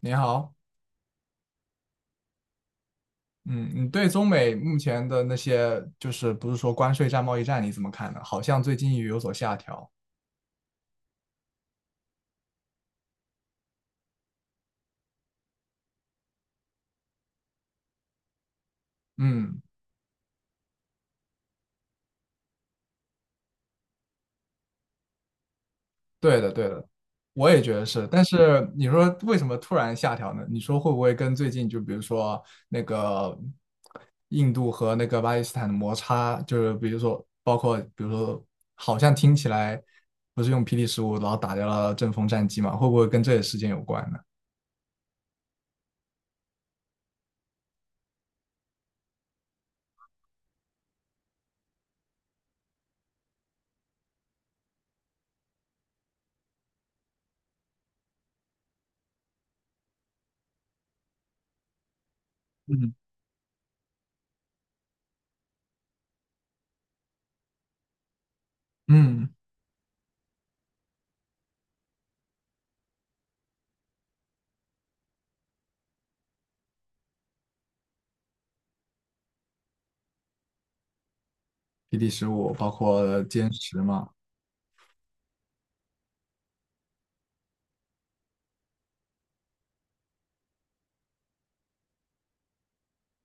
你好，嗯，你对中美目前的那些，就是不是说关税战、贸易战，你怎么看呢？好像最近也有所下调。嗯，对的，对的，我也觉得是。但是你说为什么突然下调呢？你说会不会跟最近就比如说那个印度和那个巴基斯坦的摩擦，就是比如说包括比如说，好像听起来不是用 PD 十五，然后打掉了阵风战机嘛？会不会跟这个事件有关呢？嗯，嗯，p d 十五包括歼十嘛。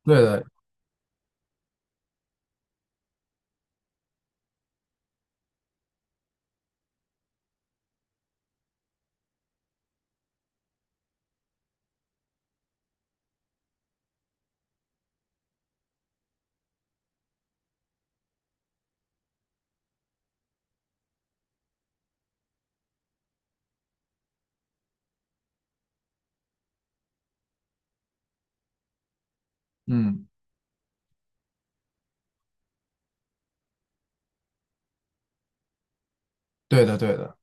对的，嗯，对的，对的。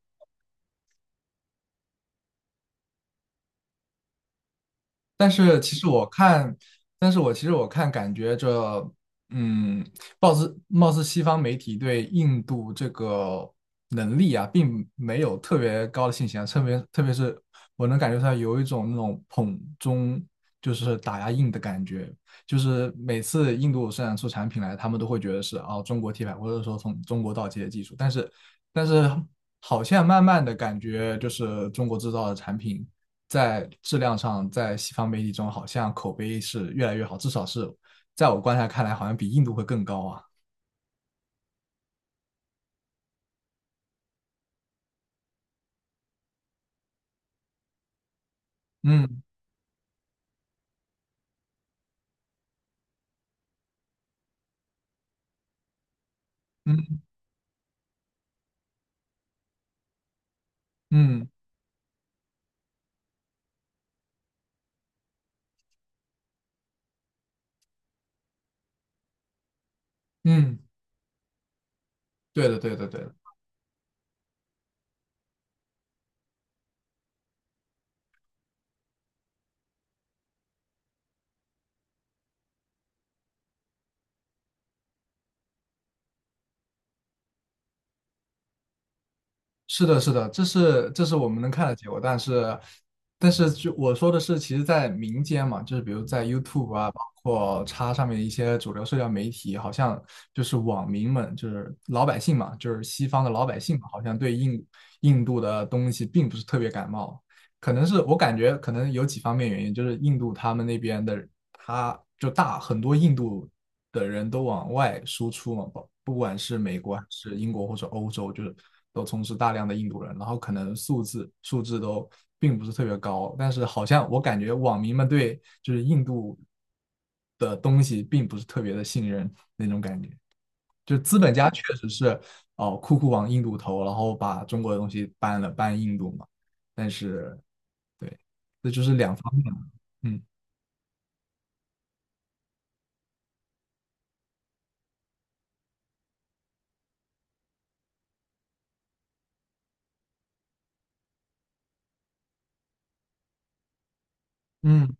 但是其实我看，但是我其实我看，感觉这，嗯，貌似西方媒体对印度这个能力啊，并没有特别高的信心啊，特别是我能感觉出来有一种那种捧中就是打压印的感觉，就是每次印度生产出产品来，他们都会觉得是哦中国替代，或者说从中国盗窃的技术，但是好像慢慢的感觉就是中国制造的产品在质量上，在西方媒体中好像口碑是越来越好，至少是在我观察看来，好像比印度会更高啊。嗯嗯嗯嗯，对的对的对的。是的，是的，这是我们能看的结果，但是，就我说的是，其实，在民间嘛，就是比如在 YouTube 啊，包括叉上面一些主流社交媒体，好像就是网民们，就是老百姓嘛，就是西方的老百姓嘛好像对印度的东西并不是特别感冒，可能是我感觉可能有几方面原因，就是印度他们那边的他就大很多印度的人都往外输出嘛，不管是美国还是英国或者欧洲，就是都充斥大量的印度人，然后可能素质都并不是特别高，但是好像我感觉网民们对就是印度的东西并不是特别的信任那种感觉，就资本家确实是哦酷往印度投，然后把中国的东西搬了搬印度嘛，但是对，嗯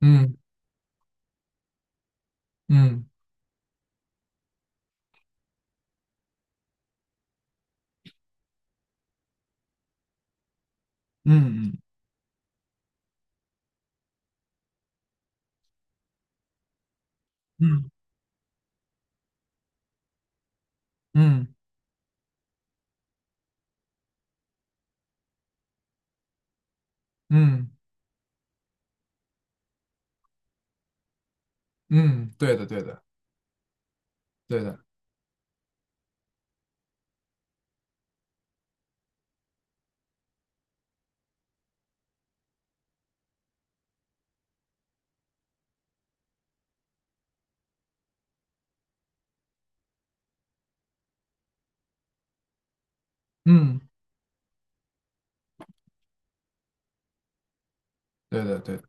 嗯嗯嗯嗯嗯嗯。嗯嗯嗯嗯，对的对的对的，嗯对的对的，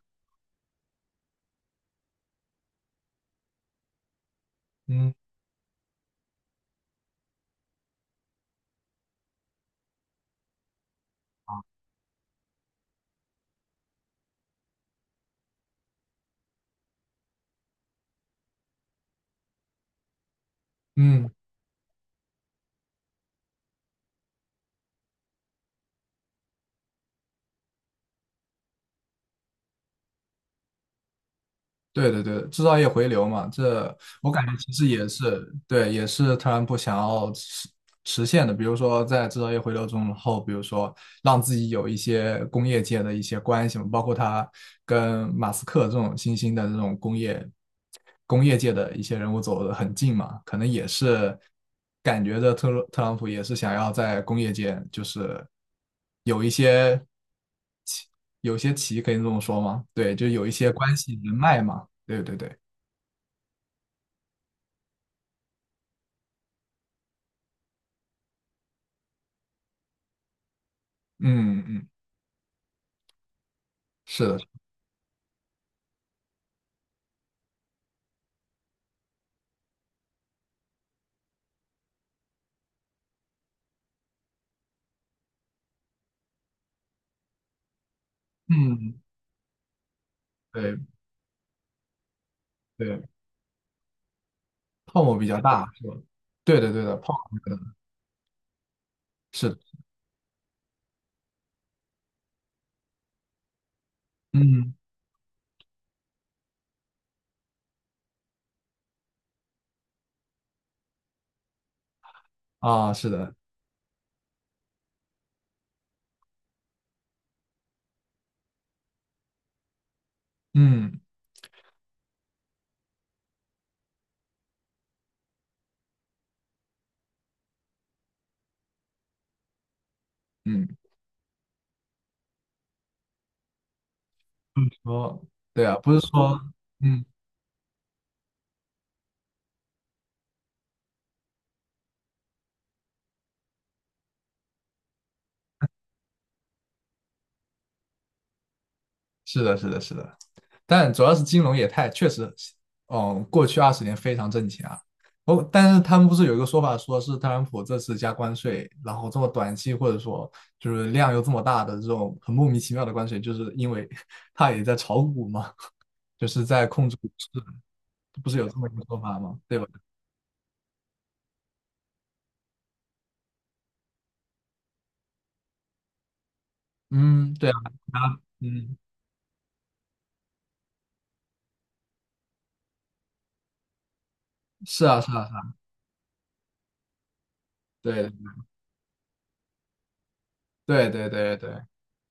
嗯嗯。对对对，制造业回流嘛，这我感觉其实也是对，也是特朗普想要实现的。比如说，在制造业回流中后，比如说让自己有一些工业界的一些关系嘛，包括他跟马斯克这种新兴的这种工业界的一些人物走得很近嘛，可能也是感觉着特朗普也是想要在工业界就是有一些奇，有一些棋可以这么说吗？对，就有一些关系人脉嘛。对对对，嗯嗯，是的，嗯，对对，泡沫比较大，是吧？对的对的，泡沫比较大是的，嗯啊，是的，嗯嗯，不是说，对啊，不是说，嗯，是的是的是的，但主要是金融业态确实，过去20年非常挣钱啊。哦，但是他们不是有一个说法，说是特朗普这次加关税，然后这么短期或者说就是量又这么大的这种很莫名其妙的关税，就是因为 他也在炒股嘛。就是在控制股市，不是有这么一个说法吗？对吧？嗯，对啊，啊，嗯，是啊，是啊，是啊，对，对，对，对，对，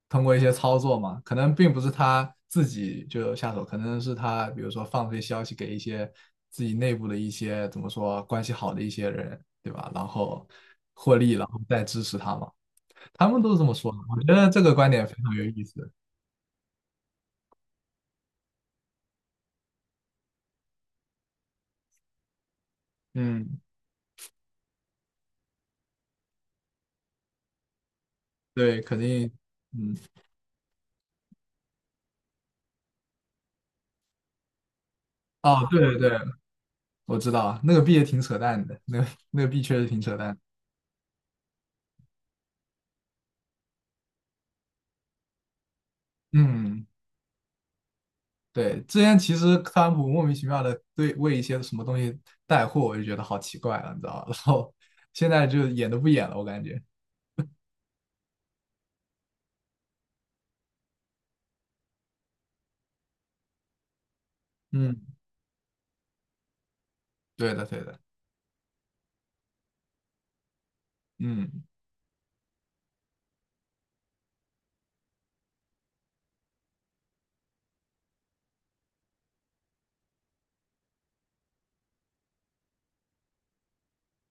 通过一些操作嘛，可能并不是他自己就下手，可能是他比如说放出一些消息给一些自己内部的一些怎么说关系好的一些人，对吧？然后获利，然后再支持他嘛，他们都是这么说的，我觉得这个观点非常有意思。嗯，对，肯定，嗯，哦，对对对，我知道啊那个币也挺扯淡的，那个币确实挺扯淡的嗯，对，之前其实特朗普莫名其妙的对为一些什么东西带货，我就觉得好奇怪了，你知道吧？然后现在就演都不演了，我感觉。嗯，对的，对的，嗯，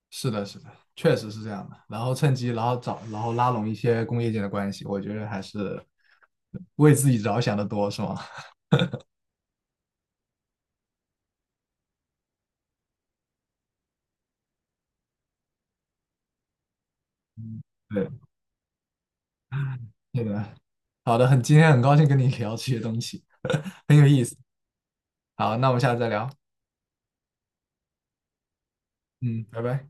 是的，是的，确实是这样的。然后趁机，然后找，然后拉拢一些工业界的关系，我觉得还是为自己着想的多，是吗？对，对的。好的，今天很高兴跟你聊这些东西，很有意思。好，那我们下次再聊。嗯，拜拜。